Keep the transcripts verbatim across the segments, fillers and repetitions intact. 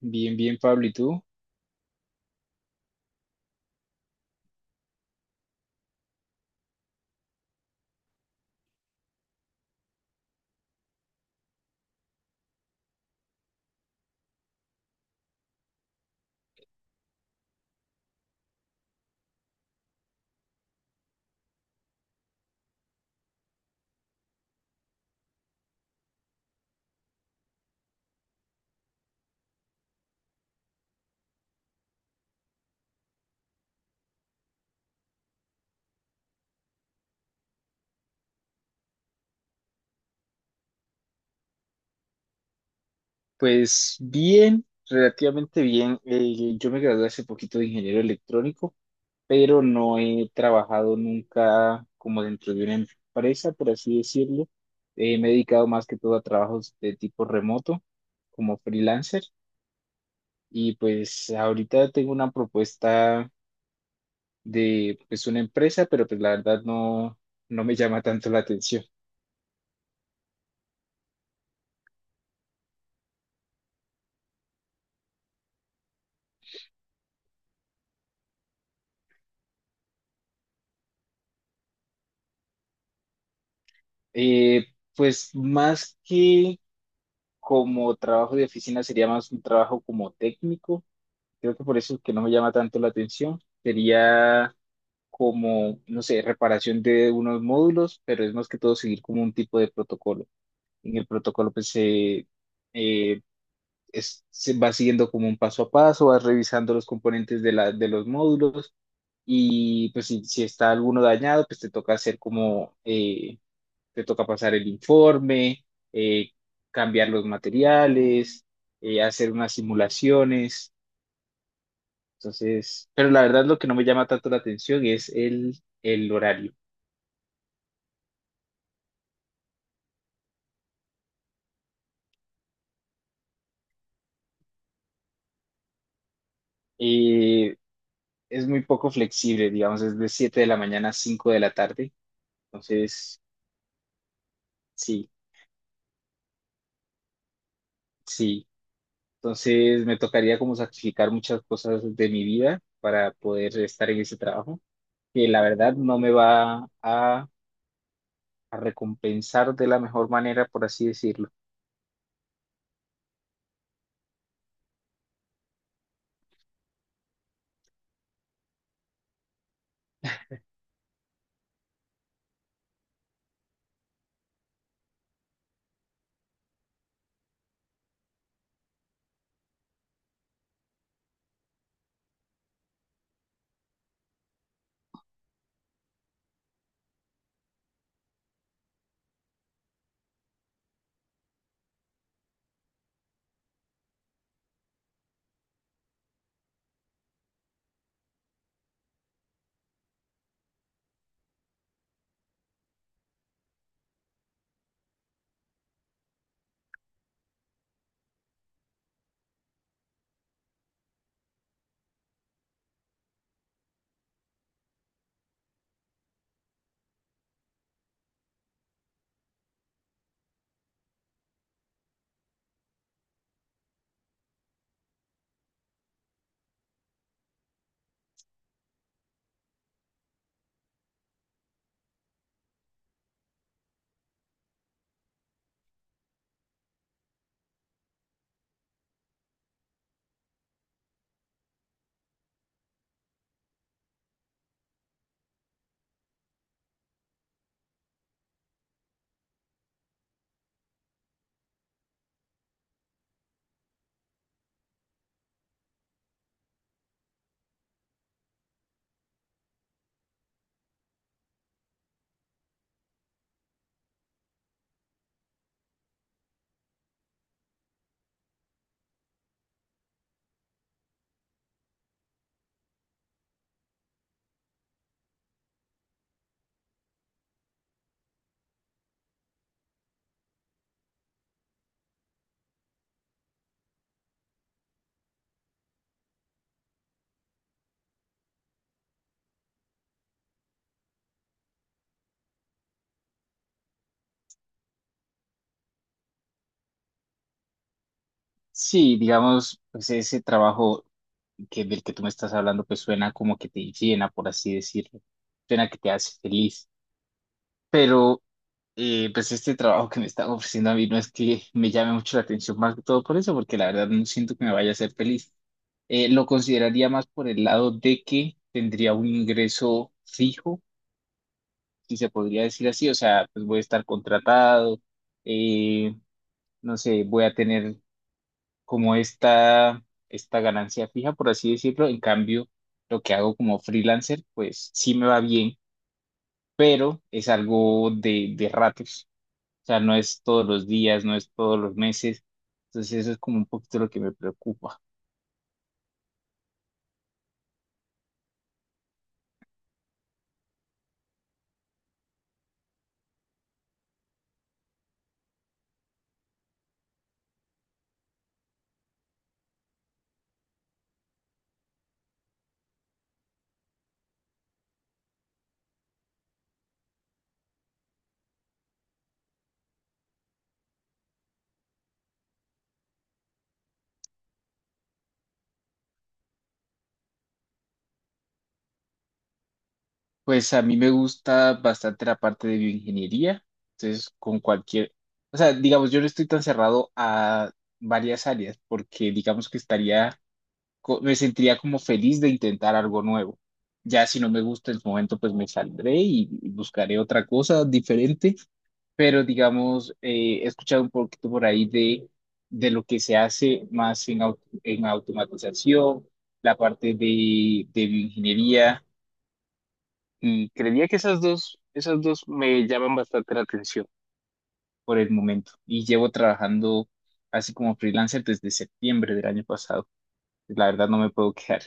Bien, bien, Pablo. ¿Y tú? Pues bien, relativamente bien. Eh, yo me gradué hace poquito de ingeniero electrónico, pero no he trabajado nunca como dentro de una empresa, por así decirlo. Eh, me he dedicado más que todo a trabajos de tipo remoto, como freelancer. Y pues ahorita tengo una propuesta de pues una empresa, pero pues la verdad no, no me llama tanto la atención. Eh, pues más que como trabajo de oficina sería más un trabajo como técnico. Creo que por eso es que no me llama tanto la atención. Sería como, no sé, reparación de unos módulos, pero es más que todo seguir como un tipo de protocolo. En el protocolo pues se, eh, es- se va siguiendo como un paso a paso, vas revisando los componentes de, la, de los módulos y pues si, si está alguno dañado, pues te toca hacer como... eh, te toca pasar el informe, eh, cambiar los materiales, eh, hacer unas simulaciones. Entonces, pero la verdad lo que no me llama tanto la atención es el, el horario. Eh, es muy poco flexible, digamos, es de siete de la mañana a cinco de la tarde. Entonces, sí, sí. Entonces me tocaría como sacrificar muchas cosas de mi vida para poder estar en ese trabajo, que la verdad no me va a a recompensar de la mejor manera, por así decirlo. Sí, digamos, pues ese trabajo que, del que tú me estás hablando, pues suena como que te llena, por así decirlo. Suena que te hace feliz. Pero, eh, pues este trabajo que me están ofreciendo a mí no es que me llame mucho la atención, más que todo por eso, porque la verdad no siento que me vaya a hacer feliz. Eh, lo consideraría más por el lado de que tendría un ingreso fijo, si se podría decir así. O sea, pues voy a estar contratado, eh, no sé, voy a tener como esta, esta ganancia fija, por así decirlo. En cambio, lo que hago como freelancer, pues sí me va bien, pero es algo de, de ratos. O sea, no es todos los días, no es todos los meses. Entonces, eso es como un poquito lo que me preocupa. Pues a mí me gusta bastante la parte de bioingeniería. Entonces, con cualquier, o sea, digamos, yo no estoy tan cerrado a varias áreas porque digamos que estaría co- me sentiría como feliz de intentar algo nuevo. Ya si no me gusta el momento, pues me saldré y y buscaré otra cosa diferente, pero digamos, eh, he escuchado un poquito por ahí de, de lo que se hace más en, au- en automatización, la parte de, de bioingeniería, y creería que esas dos, esas dos me llaman bastante la atención por el momento y llevo trabajando así como freelancer desde septiembre del año pasado. La verdad no me puedo quejar.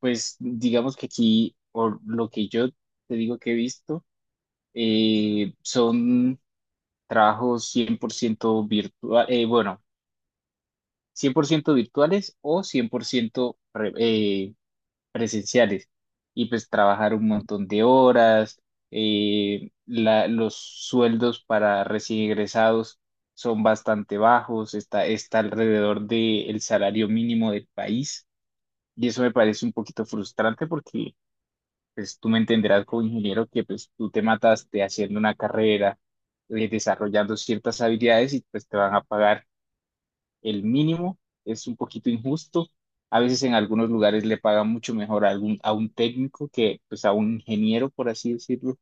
Pues digamos que aquí, por lo que yo te digo que he visto, eh, son trabajos cien por ciento virtuales, bueno, cien por ciento virtuales o cien por ciento pre- eh, presenciales. Y pues trabajar un montón de horas, eh, la- los sueldos para recién egresados son bastante bajos, está, está alrededor del salario mínimo del país. Y eso me parece un poquito frustrante porque pues tú me entenderás como ingeniero que pues tú te mataste haciendo una carrera, eh, desarrollando ciertas habilidades y pues te van a pagar el mínimo, es un poquito injusto. A veces en algunos lugares le pagan mucho mejor a algún, a un técnico que pues a un ingeniero, por así decirlo.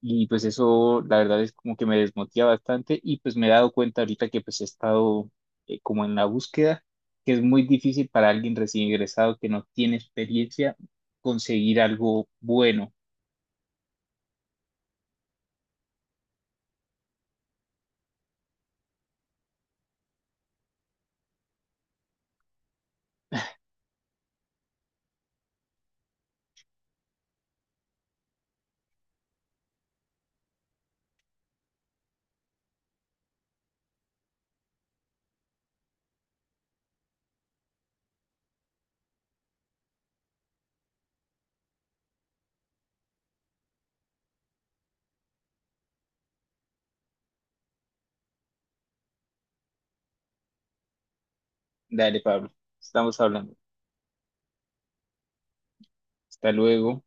Y pues eso la verdad es como que me desmotiva bastante y pues me he dado cuenta ahorita que pues he estado eh, como en la búsqueda, que es muy difícil para alguien recién ingresado que no tiene experiencia conseguir algo bueno. Dale, Pablo, estamos hablando. Hasta luego.